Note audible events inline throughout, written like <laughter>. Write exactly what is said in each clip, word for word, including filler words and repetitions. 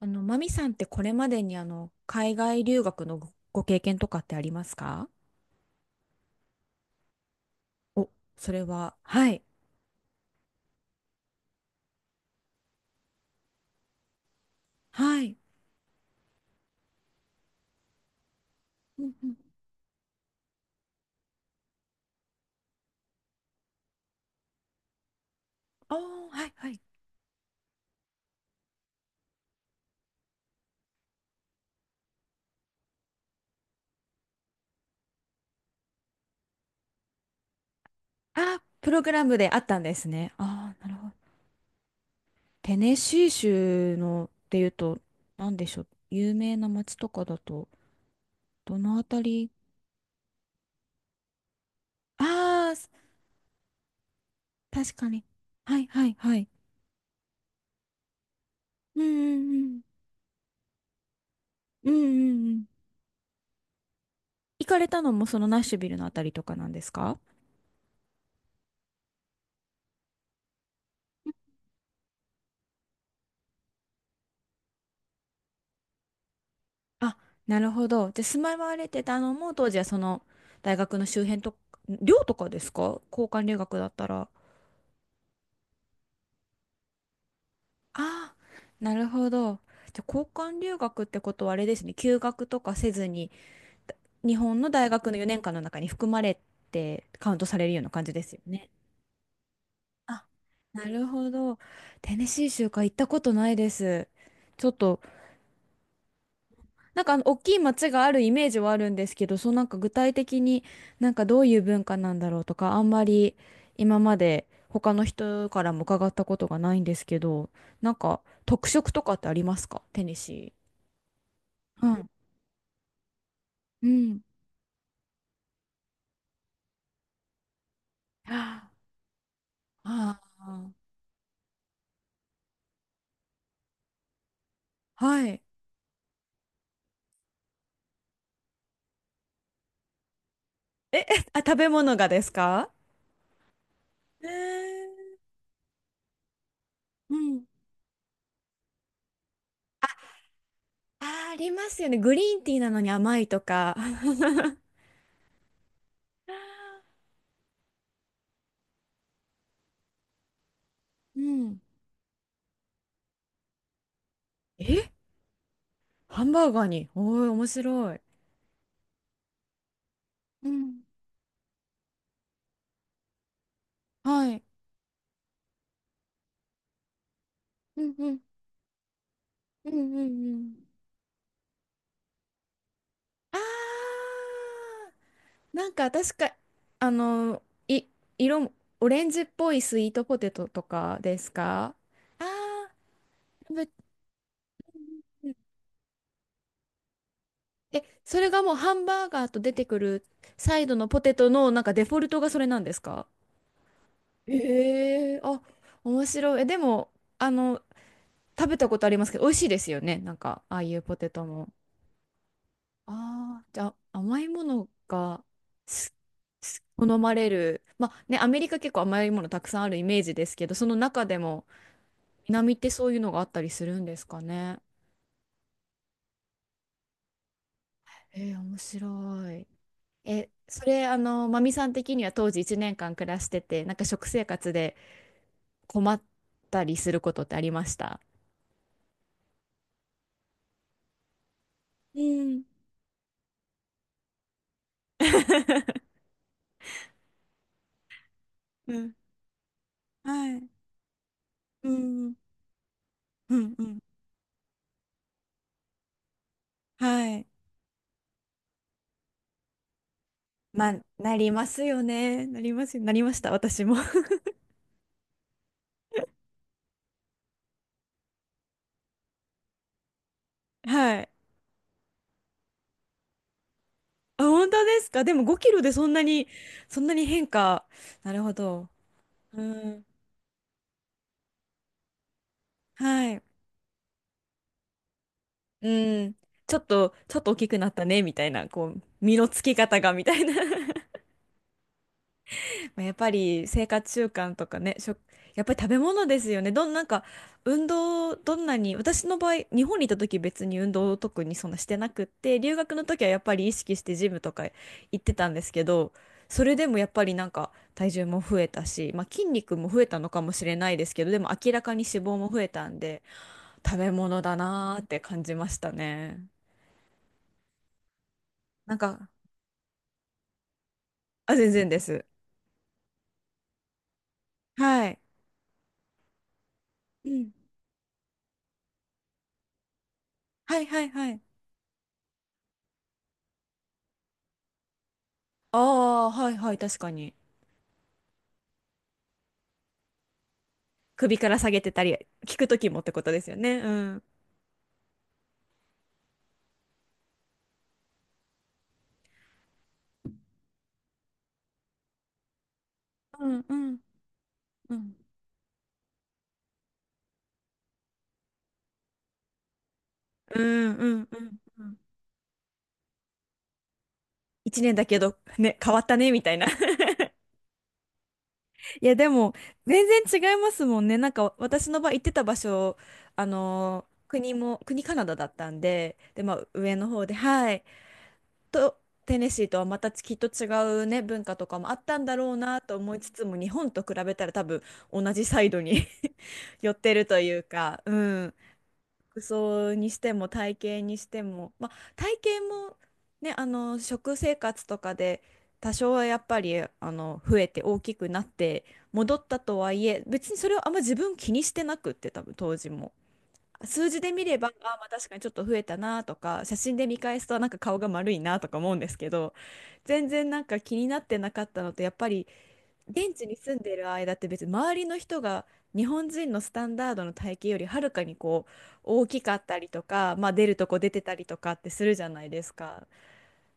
あの、マミさんってこれまでにあの、海外留学のご、ご経験とかってありますか？お、それは、はい、はい。うんうん。ああ、はい、はい。ああ、プログラムであったんですね。ああ、なるほど。テネシー州のっていうと、なんでしょう。有名な街とかだと、どのあたり？ああー、確かに。はい、はい、はい。うんうんうん。うんうんうん。行かれたのもそのナッシュビルのあたりとかなんですか？あ、なるほど。で、住まわれてたのも、当時はその大学の周辺と、寮とかですか、交換留学だったら。ああ、なるほど。じゃあ、交換留学ってことはあれですね。休学とかせずに、だ日本の大学のよねんかんの中に含まれてカウントされるような感じですよね。あ、なるほど。テネシー州か行ったことないです。ちょっと、なんかあの大きい町があるイメージはあるんですけど、そう、なんか具体的に、なんかどういう文化なんだろうとか、あんまり今まで他の人からも伺ったことがないんですけど、なんか特色とかってありますか、テネシー？はい。うん。ああ、はい。え、えあ、食べ物がですか？えー、うん。あー、ありますよね。グリーンティーなのに甘いとか。<laughs> うん。<laughs> え、ハンバーガーに。おー、面白い。うん。はい。うんうんうんうんうん。あー、なんか確か、あの、い、色も、オレンジっぽいスイートポテトとかですか？あー。ぶえ、それがもうハンバーガーと出てくるサイドのポテトのなんかデフォルトがそれなんですか？ええ、あ、面白い。え、でも、あの、食べたことありますけど、美味しいですよね。なんか、ああいうポテトも。ああ、じゃあ甘いものがすす好まれる。まあね、アメリカ結構甘いものたくさんあるイメージですけど、その中でも南ってそういうのがあったりするんですかね。えー、面白い。え、それ、あの、マミさん的には当時いちねんかん暮らしてて、なんか食生活で困ったりすることってありました？うん。<laughs> うん。はい。うん。うん。うん。はい。まあ、なりますよね。なりますよ。なりました、私も。<laughs> はい。あ、本当ですか？でもごキロでそんなに、そんなに変化。なるほど。うん。はい。うん。ちょっと、ちょっと大きくなったね、みたいな、こう、身のつき方が、みたいな。<laughs> まあやっぱり生活習慣とかね、食、やっぱり食べ物ですよね。どん、なんか運動、どんなに、私の場合、日本にいた時別に運動を特にそんなしてなくって、留学の時はやっぱり意識してジムとか行ってたんですけど、それでもやっぱりなんか体重も増えたし、まあ、筋肉も増えたのかもしれないですけど、でも明らかに脂肪も増えたんで、食べ物だなーって感じましたね。なんか、あ、全然です。はい。うん。はいはいはい。ああ、はいはい、確かに。首から下げてたり、聞くときもってことですよね。うん。うんうんうんうんうんうんうん。一年だけど、ね、変わったね、みたいな。<laughs> いや、でも、全然違いますもんね。なんか、私の場合行ってた場所、あのー国も、国カナダだったんで、で、まあ、上の方で、はい。と、テネシーとはまたきっと違うね、文化とかもあったんだろうなと思いつつも、日本と比べたら多分、同じサイドに <laughs> 寄ってるというか、うん。服装にしても体型にしても、まあ、体型もね、あの食生活とかで多少はやっぱりあの増えて大きくなって戻ったとはいえ、別にそれをあんま自分気にしてなくって、多分当時も。数字で見れば、あまあ確かにちょっと増えたなとか、写真で見返すとなんか顔が丸いなとか思うんですけど、全然なんか気になってなかったのと、やっぱり現地に住んでる間って、別に周りの人が日本人のスタンダードの体型よりはるかにこう大きかったりとか、まあ、出るとこ出てたりとかってするじゃないですか。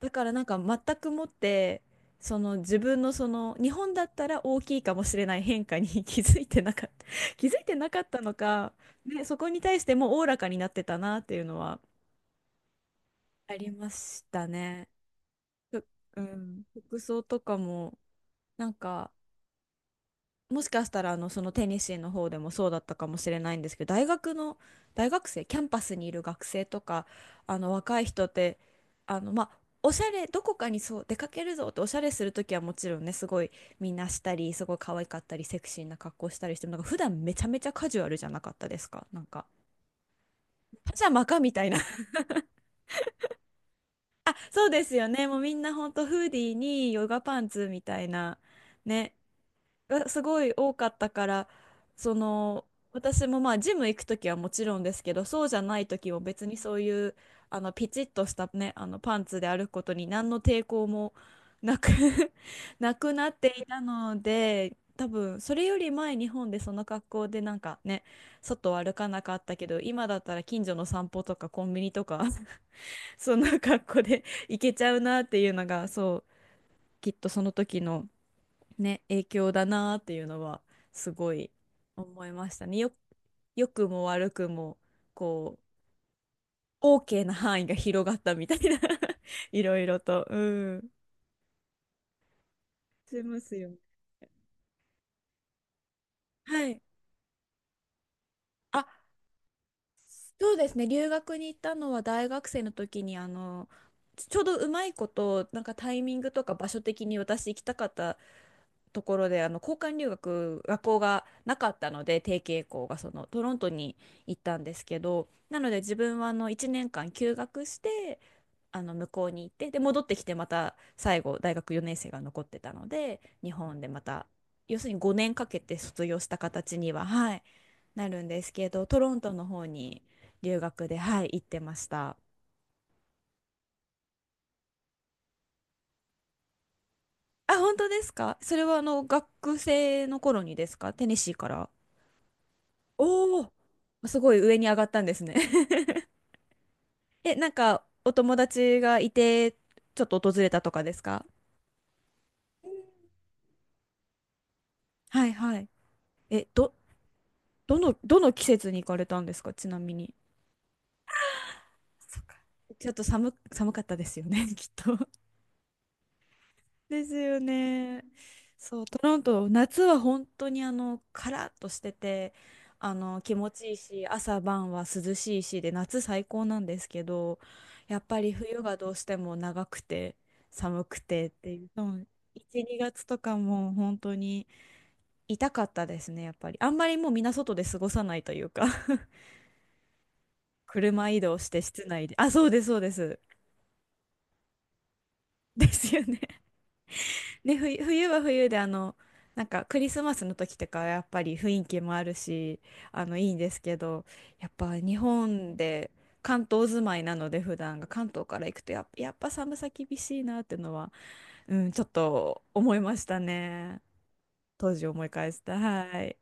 だからなんか全くもって、その自分のその日本だったら大きいかもしれない変化に <laughs> 気づいてなかった <laughs> 気づいてなかったのか、ね、そこに対してもうおおらかになってたなっていうのはありましたね。ふうん、服装とかもなんか、もしかしたらあのそのテニシーの方でもそうだったかもしれないんですけど、大学の大学生、キャンパスにいる学生とか、あの若い人って、あのまあおしゃれ、どこかにそう出かけるぞっておしゃれする時はもちろんね、すごいみんなしたり、すごい可愛かったりセクシーな格好したりしても、なんか普段めちゃめちゃカジュアルじゃなかったですか、なんか。パジャマかみたいな。 <laughs> そうですよね、もうみんなほんとフーディーにヨガパンツみたいなね、がすごい多かったから、その私もまあジム行く時はもちろんですけど、そうじゃない時も別にそういう、あのピチッとしたね、あのパンツで歩くことに何の抵抗もなく <laughs> なくなっていたので、多分それより前、日本でその格好でなんかね、外を歩かなかったけど、今だったら近所の散歩とかコンビニとか <laughs> そんな格好で行けちゃうなっていうのが、そうきっとその時の、ね、影響だなっていうのはすごい思いましたね。よ、良くも悪くも、こう、OK な範囲が広がったみたいな。 <laughs> いろいろと。うん。しますよね。はい。あ、そうですね。留学に行ったのは大学生の時に、あの、ちょうどうまいこと、なんかタイミングとか場所的に私行きたかったところであの交換留学学校がなかったので、定型校がそのトロントに行ったんですけど、なので自分はあのいちねんかん休学してあの向こうに行って、で戻ってきて、また最後大学よねん生が残ってたので日本でまた、要するにごねんかけて卒業した形には、はい、なるんですけど、トロントの方に留学で、はい、行ってました。あ、本当ですか？それはあの学生の頃にですか、テネシーから。おおー、すごい上に上がったんですね。<laughs> え、なんかお友達がいて、ちょっと訪れたとかですか？はいはい。え、ど、どの、どの季節に行かれたんですか、ちなみに。そっか、ちょっと寒、寒かったですよね、<laughs> きっと。ですよね。そう、トロント、夏は本当にあの、カラッとしてて、あの、気持ちいいし、朝晩は涼しいしで、夏最高なんですけど、やっぱり冬がどうしても長くて、寒くてっていう、そうん、いち、にがつとかも本当に痛かったですね、やっぱり。あんまりもうみんな外で過ごさないというか <laughs> 車移動して室内で。あ、そうです、そうです。ですよね。ね、ふい冬は冬で、あのなんかクリスマスの時とかはやっぱり雰囲気もあるし、あのいいんですけど、やっぱ日本で関東住まいなので、普段が関東から行くとやっ、やっぱ寒さ厳しいなっていうのは、うん、ちょっと思いましたね、当時思い返した、はい